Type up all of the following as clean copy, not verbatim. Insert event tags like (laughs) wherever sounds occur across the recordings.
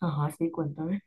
Ajá, sí, cuéntame.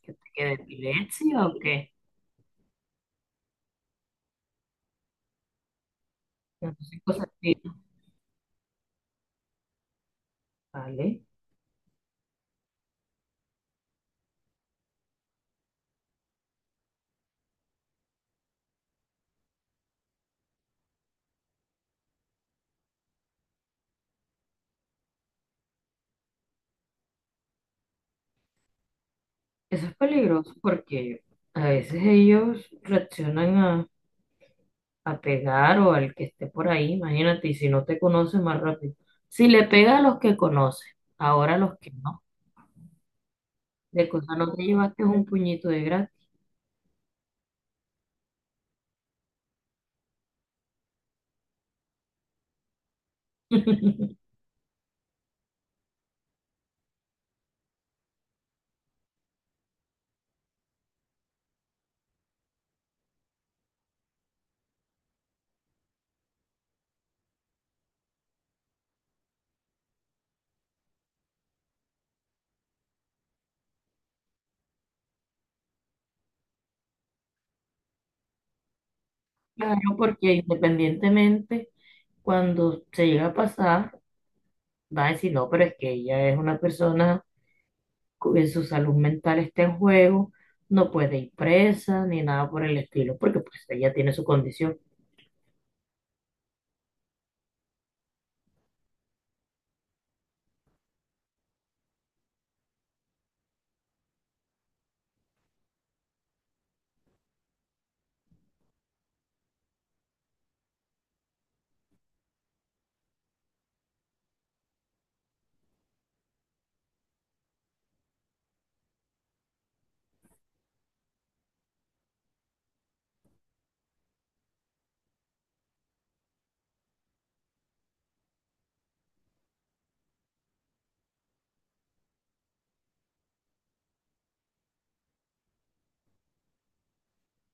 ¿Que te quede epilepsia o qué? Ya no sé, cosas finas, ¿vale? Eso es peligroso porque a veces ellos reaccionan a pegar o al que esté por ahí, imagínate, y si no te conoce más rápido. Si le pega a los que conoce, ahora a los que no, de cosa no te llevaste un puñito de gratis. (laughs) Claro, porque independientemente, cuando se llega a pasar, va a decir, no, pero es que ella es una persona su salud mental está en juego, no puede ir presa ni nada por el estilo, porque pues ella tiene su condición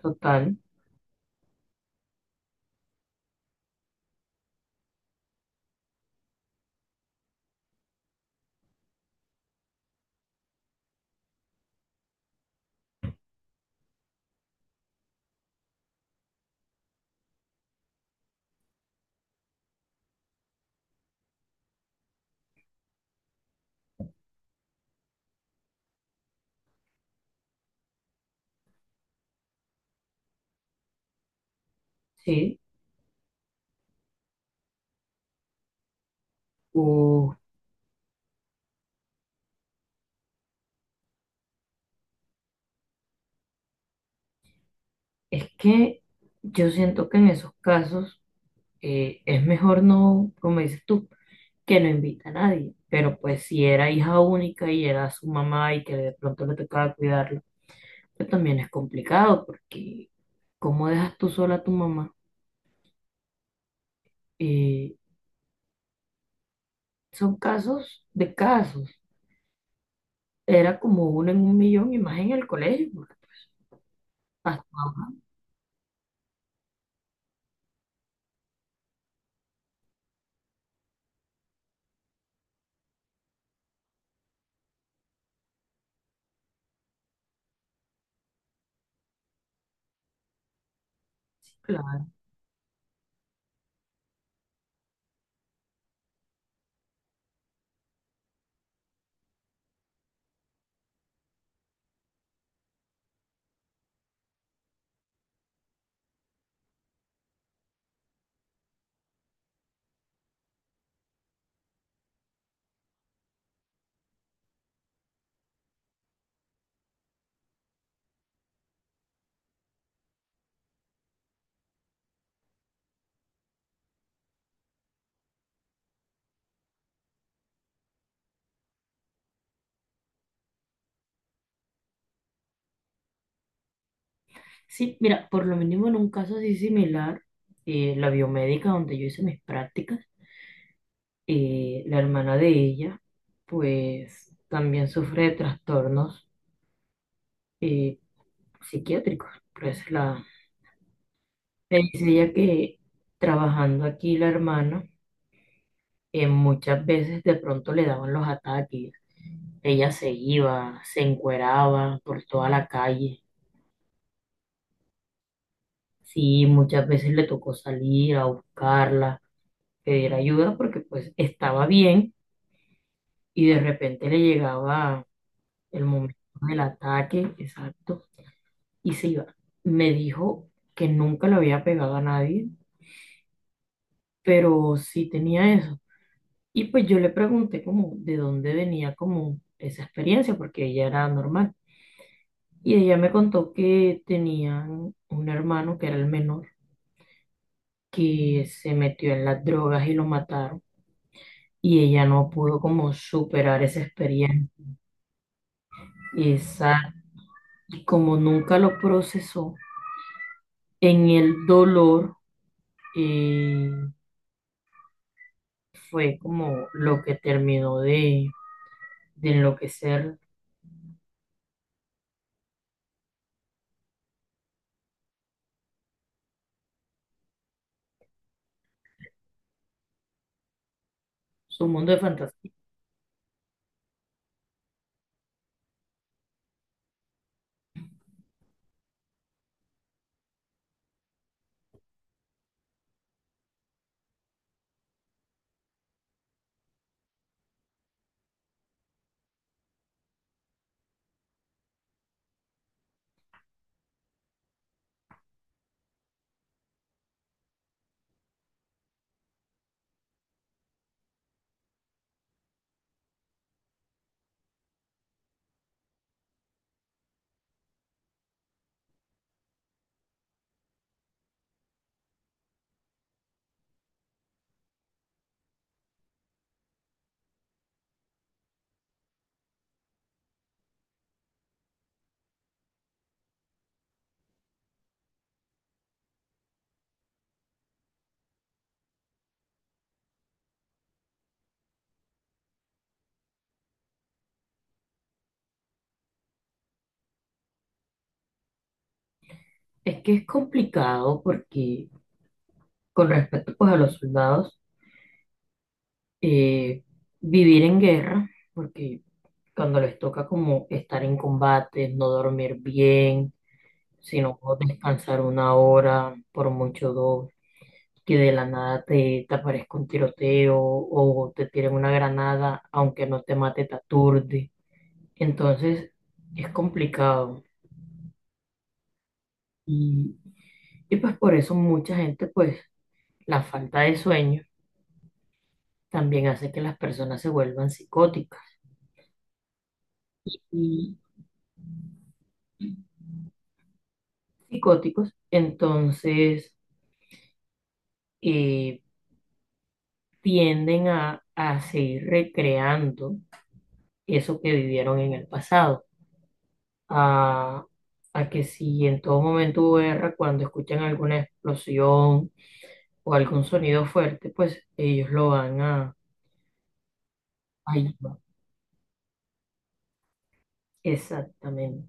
total, ¿sí? Uh, es que yo siento que en esos casos es mejor no, como dices tú, que no invita a nadie, pero pues si era hija única y era su mamá y que de pronto le tocaba cuidarlo, pues también es complicado, porque ¿cómo dejas tú sola a tu mamá? Eh, son casos de casos. Era como uno en un millón y más en el colegio. Porque pasaba, claro. Sí, mira, por lo mínimo en un caso así similar, la biomédica donde yo hice mis prácticas, la hermana de ella, pues también sufre de trastornos eh, psiquiátricos. Pues la, me dice ella que trabajando aquí la hermana, muchas veces de pronto le daban los ataques. Ella se iba, se encueraba por toda la calle. Sí, muchas veces le tocó salir a buscarla, pedir ayuda porque pues estaba bien y de repente le llegaba el momento del ataque, exacto, y se iba. Me dijo que nunca le había pegado a nadie, pero sí tenía eso. Y pues yo le pregunté como de dónde venía como esa experiencia porque ella era normal. Y ella me contó que tenían un hermano que era el menor, que se metió en las drogas y lo mataron y ella no pudo como superar esa experiencia. Esa, y como nunca lo procesó, en el dolor eh, fue como lo que terminó de enloquecer su mundo de fantasía. Es que es complicado porque con respecto pues a los soldados, eh, vivir en guerra, porque cuando les toca como estar en combate, no dormir bien, sino descansar una hora, por mucho dos, que de la nada te, te aparezca un tiroteo o te tiren una granada, aunque no te mate, te aturde. Entonces es complicado. Y, y pues por eso mucha gente, pues la falta de sueño también hace que las personas se vuelvan psicóticas. Y psicóticos, entonces, eh, tienden a seguir recreando eso que vivieron en el pasado. A, a que si en todo momento UR, cuando escuchan alguna explosión o algún sonido fuerte, pues ellos lo van a ayudar. Exactamente.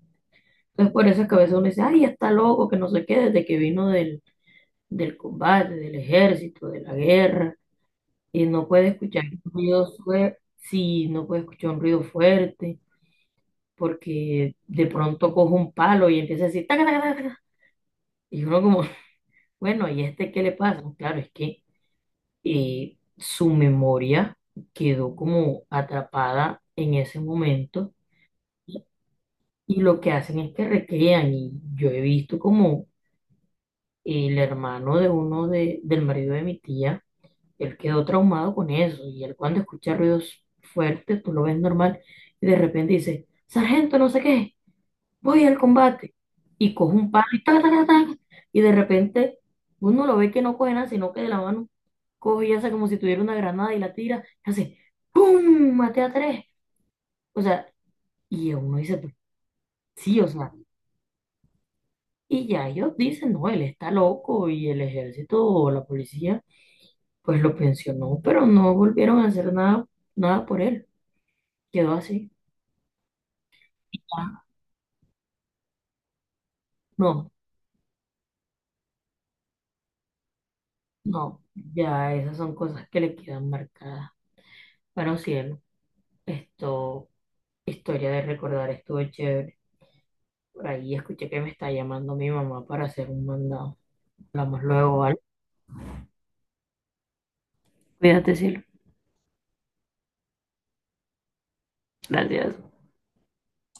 Entonces, por eso es que a veces uno dice, ay, está loco, que no sé qué, desde que vino del, del combate, del ejército, de la guerra, y no puede escuchar un ruido fuerte, sí, no puede escuchar un ruido fuerte, porque de pronto coge un palo y empieza a decir, taca, taca, taca, taca". Y uno como, (laughs) bueno, ¿y este qué le pasa? Claro, es que su memoria quedó como atrapada en ese momento y y lo que hacen es que recrean y yo he visto como el hermano de uno de, del marido de mi tía, él quedó traumado con eso y él cuando escucha ruidos fuertes, tú lo ves normal y de repente dice, sargento, no sé qué, voy al combate y cojo un palo y ta, ta, ta, ta, y de repente uno lo ve que no coge nada, sino que de la mano coge y hace como si tuviera una granada y la tira, y hace ¡pum! Maté a tres. O sea, y uno dice, pues, sí, o sea, y ya ellos dicen, no, él está loco y el ejército o la policía pues lo pensionó, pero no volvieron a hacer nada, nada por él. Quedó así. Ah, no, no, ya esas son cosas que le quedan marcadas. Bueno, cielo, esto... Historia de recordar, estuvo chévere. Por ahí escuché que me está llamando mi mamá para hacer un mandado. Hablamos luego, ¿vale? Cuídate, cielo. Gracias.